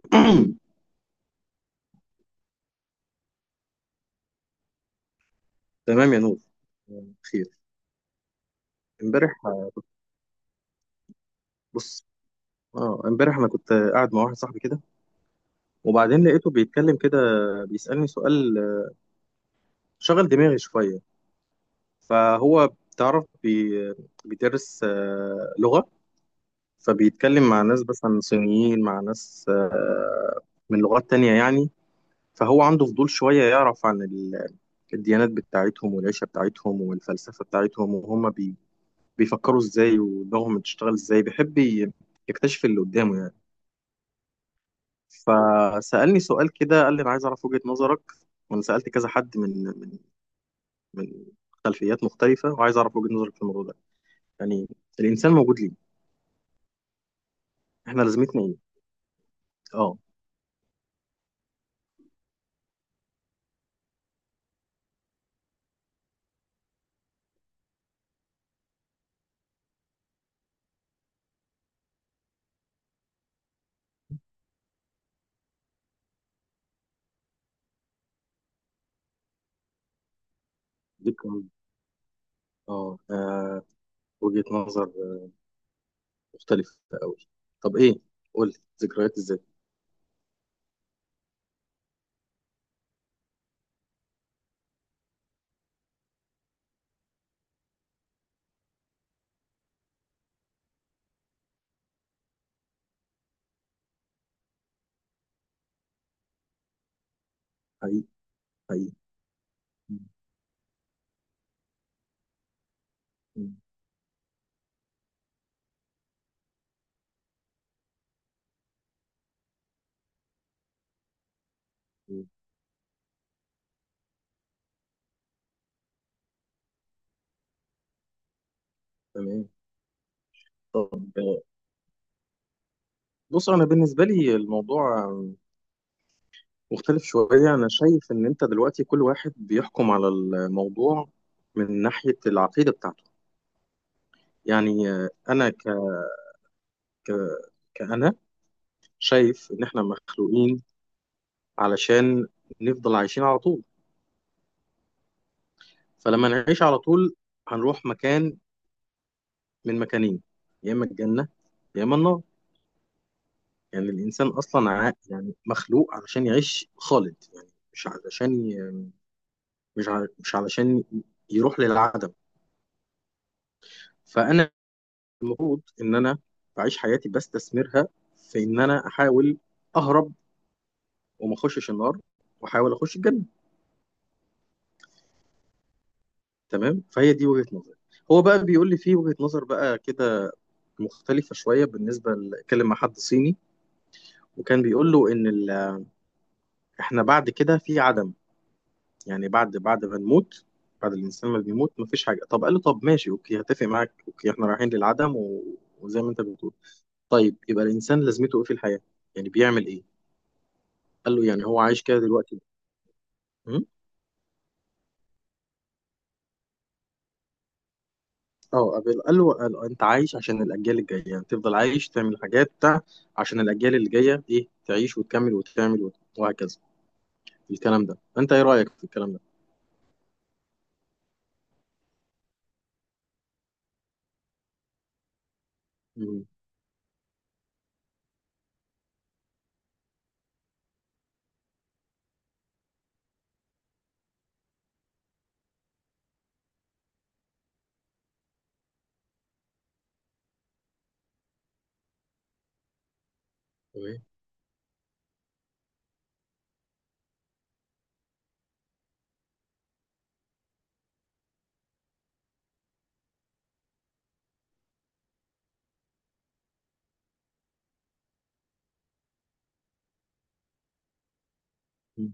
تمام يا نور. خير. امبارح بص، اه، امبارح انا كنت قاعد مع واحد صاحبي كده. وبعدين لقيته بيتكلم كده، بيسألني سؤال، شغل دماغي شوية. فهو بتعرف، بيدرس لغة. فبيتكلم مع ناس مثلا صينيين، مع ناس من لغات تانية يعني. فهو عنده فضول شوية يعرف عن الديانات بتاعتهم والعيشة بتاعتهم والفلسفة بتاعتهم، وهم بيفكروا ازاي، ودماغهم بتشتغل ازاي. بيحب يكتشف اللي قدامه يعني. فسألني سؤال كده، قال لي: انا عايز اعرف وجهة نظرك، وانا سألت كذا حد من خلفيات مختلفة، وعايز اعرف وجهة نظرك في الموضوع ده. يعني الانسان موجود ليه؟ احنا لازمتنا ايه؟ اه، دي كمان. اه، وجهة نظر مختلفة قوي. طب ايه، قول لي: ذكريات ازاي؟ حقيقي، حقيقي. م- م- م. تمام. طب، بص، انا بالنسبة لي الموضوع مختلف شوية. أنا شايف إن أنت دلوقتي كل واحد بيحكم على الموضوع من ناحية العقيدة بتاعته. يعني أنا ك... كأنا شايف إن إحنا مخلوقين علشان نفضل عايشين على طول. فلما نعيش على طول هنروح مكان من مكانين: يا إما الجنة يا إما النار. يعني الإنسان أصلا يعني مخلوق علشان يعيش خالد يعني. مش علشان ي... مش ع... مش علشان يروح للعدم. فأنا المفروض ان انا بعيش حياتي بستثمرها في ان انا احاول اهرب وما اخشش النار، واحاول اخش الجنه. تمام، فهي دي وجهه نظري. هو بقى بيقول لي في وجهه نظر بقى كده مختلفه شويه، بالنسبه اتكلم مع حد صيني وكان بيقول له ان احنا بعد كده في عدم. يعني بعد ما نموت، بعد الانسان ما بيموت مفيش حاجه. طب قال له: طب ماشي، اوكي، هتفق معاك، اوكي احنا رايحين للعدم وزي ما انت بتقول. طيب يبقى الانسان لازمته ايه في الحياه؟ يعني بيعمل ايه؟ قال له: يعني هو عايش كده دلوقتي؟ م? اه، قبل قال له انت عايش عشان الاجيال الجايه، يعني تفضل عايش، تعمل حاجات بتاع عشان الاجيال اللي جايه ايه تعيش وتكمل وتعمل وهكذا. الكلام ده، انت ايه رايك في الكلام ده؟ مم. تمام. مم.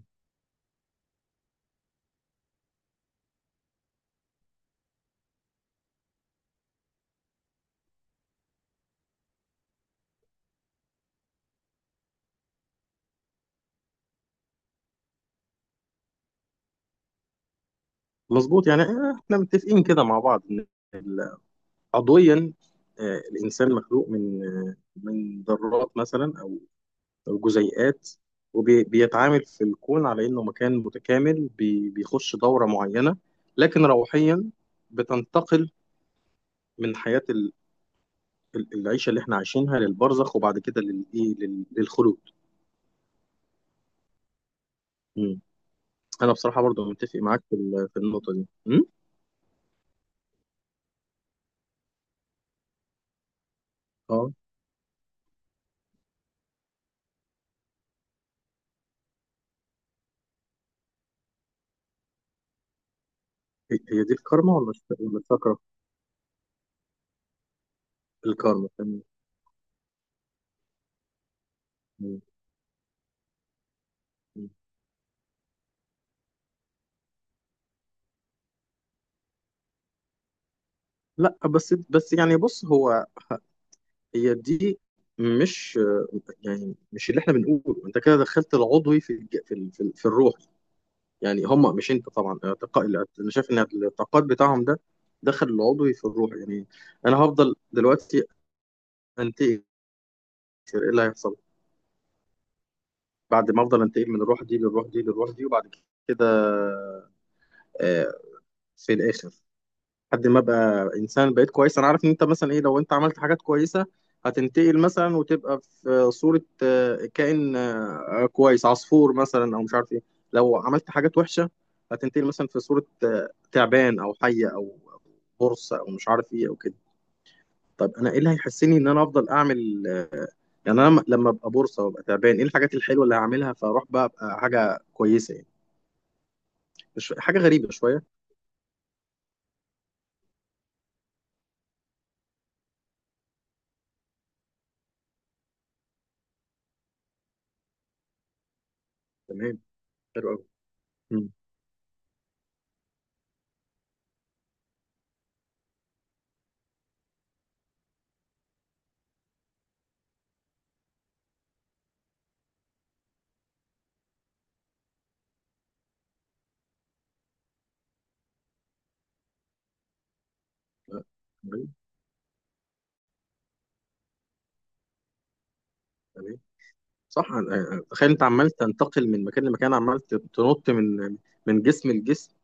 مظبوط. يعني احنا متفقين كده مع بعض ان ال- عضويا الانسان مخلوق من من ذرات مثلا او جزيئات. وبيتعامل في الكون على انه مكان متكامل، بيخش دوره معينه. لكن روحيا بتنتقل من حياه، العيشه اللي احنا عايشينها للبرزخ، وبعد كده للايه، للخلود. مم. انا بصراحه برضو متفق معاك في النقطه دي. مم؟ اه، هي دي الكارما ولا الشاكرا؟ الكارما، تمام. مم. مم. لا بس يعني. بص هو، هي دي، مش يعني، مش اللي احنا بنقوله. انت كده دخلت العضوي في الج- في ال- في, ال- في الروح. يعني هم، مش انت طبعا اعتقاد. انا شايف ان الاعتقاد بتاعهم ده دخل العضوي في الروح يعني. انا هفضل دلوقتي انتقد، ايه اللي هيحصل بعد ما افضل انتقل من الروح دي للروح دي للروح دي، وبعد كده آه، في الاخر، لحد ما ابقى انسان بقيت كويس. انا عارف ان انت مثلا ايه، لو انت عملت حاجات كويسه هتنتقل مثلا وتبقى في صوره كائن كويس، عصفور مثلا او مش عارف ايه. لو عملت حاجات وحشه هتنتقل مثلا في صوره تعبان او حيه او برصه او مش عارف ايه او كده. طب انا ايه اللي هيحسني ان انا افضل اعمل يعني انا لما ابقى بورصه وابقى تعبان، ايه الحاجات الحلوه اللي هعملها فاروح بقى ابقى حاجه كويسه يعني؟ مش حاجه غريبه شويه؟ تمام. حلو قوي. مم. آه، تمام. تمام. صح. تخيل انت عمال تنتقل من مكان لمكان، عمال تنط من جسم لجسم.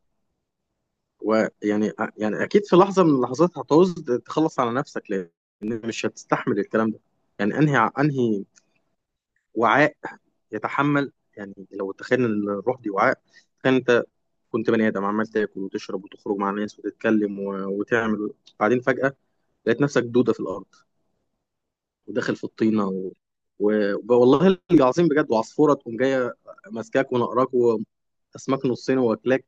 ويعني يعني اكيد في لحظه من اللحظات هتعوز تخلص على نفسك، لان مش هتستحمل الكلام ده. يعني انهي وعاء يتحمل؟ يعني لو تخيل ان الروح دي وعاء، كانت كنت بني ادم عمال تاكل وتشرب وتخرج مع ناس وتتكلم وتعمل. بعدين فجاه لقيت نفسك دوده في الارض، وداخل في الطينه و... والله العظيم بجد، وعصفوره تقوم جايه ماسكاك ونقراك واسماك نصين واكلاك.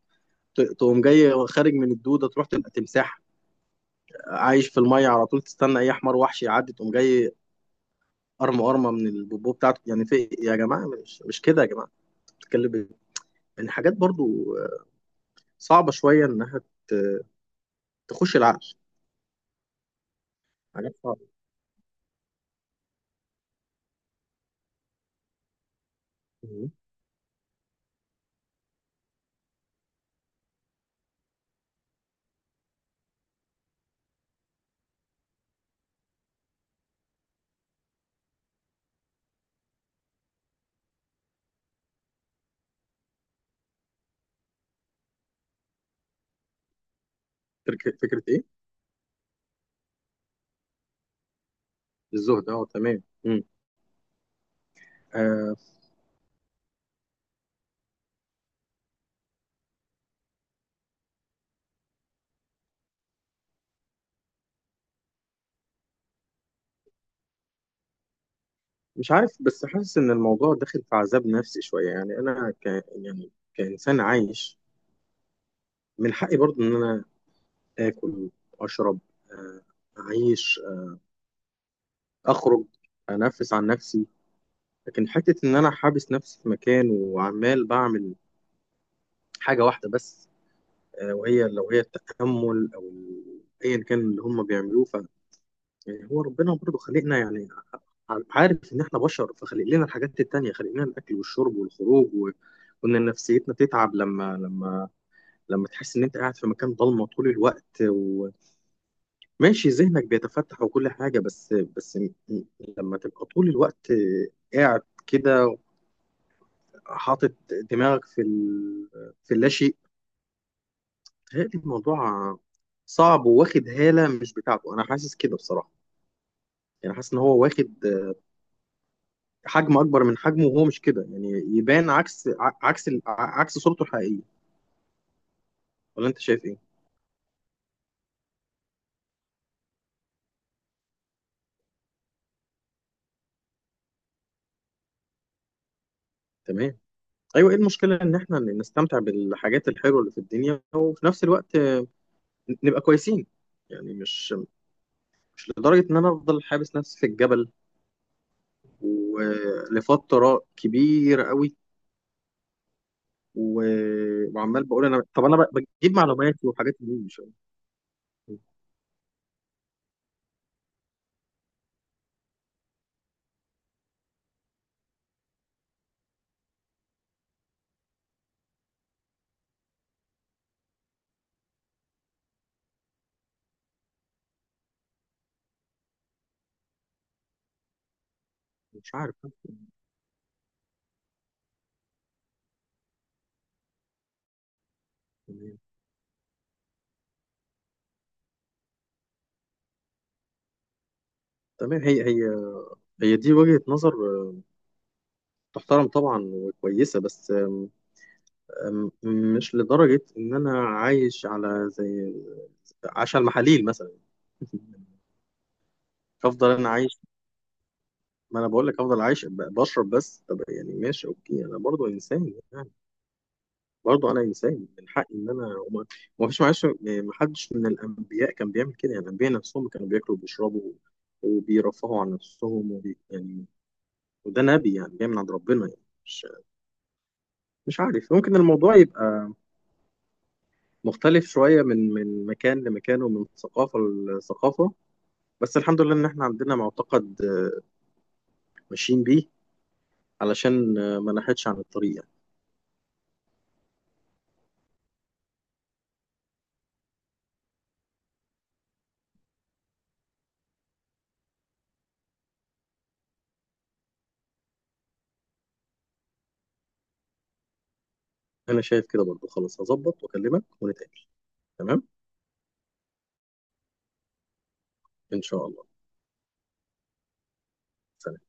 تقوم جاي خارج من الدوده تروح تبقى تمساح عايش في الميه على طول، تستنى اي حمار وحش يعدي، تقوم جاي قرمه قرمه من البوبو بتاعته. يعني في إيه يا جماعه؟ مش كده يا جماعه، بتتكلم إيه؟ يعني حاجات برضو صعبه شويه انها ت- تخش العقل. حاجات صعبه. فكرة إيه؟ الزهد، أه تمام. مم. آه، مش عارف بس حاسس إن الموضوع داخل في عذاب نفسي شوية. يعني أنا ك يعني كإنسان عايش، من حقي برضه إن أنا آكل، أشرب، آه أعيش، أخرج، أنفس عن نفسي. لكن حتة إن أنا حابس نفسي في مكان وعمال بعمل حاجة واحدة بس، وهي لو هي التأمل أيا كان اللي هم بيعملوه. يعني هو ربنا برضه خلقنا يعني. عارف ان احنا بشر، فخلق لنا الحاجات التانية، خلق لنا الاكل والشرب والخروج وان نفسيتنا تتعب لما تحس ان انت قاعد في مكان ضلمه طول الوقت، وماشي ذهنك بيتفتح وكل حاجه. لما تبقى طول الوقت قاعد كده حاطط دماغك في اللاشيء. بيتهيألي الموضوع صعب وواخد هاله مش بتاعته. انا حاسس كده بصراحه. يعني حاسس ان هو واخد حجم اكبر من حجمه وهو مش كده يعني. يبان عكس، عكس صورته الحقيقيه. ولا انت شايف ايه؟ تمام. ايوه، ايه المشكله ان احنا نستمتع بالحاجات الحلوه اللي في الدنيا وفي نفس الوقت نبقى كويسين؟ يعني مش لدرجه ان انا افضل حابس نفسي في الجبل ولفتره كبيره قوي، وعمال بقول: انا طب انا بجيب معلومات وحاجات منين؟ مش عارف. تمام. تمام. هي دي وجهة نظر تحترم طبعا وكويسة، بس أم- مش لدرجة إن أنا عايش على المحاليل مثلا. أفضل أنا عايش. ما أنا بقول لك: أفضل عايش بشرب بس. طب يعني ماشي أوكي، أنا برضو إنسان يعني، برضو أنا إنسان من حقي إن أنا، وما فيش معلش ما حدش من الأنبياء كان بيعمل كده يعني. الأنبياء نفسهم كانوا بياكلوا وبيشربوا وبيرفهوا عن نفسهم يعني. وده نبي يعني جاي من عند ربنا يعني. مش عارف، ممكن الموضوع يبقى مختلف شوية من مكان لمكان ومن ثقافة لثقافة. بس الحمد لله ان احنا عندنا معتقد ماشيين بيه علشان ما نحيدش عن الطريق يعني. انا شايف كده برضو، خلاص هظبط واكلمك ونتقابل. تمام، ان شاء الله. سلام.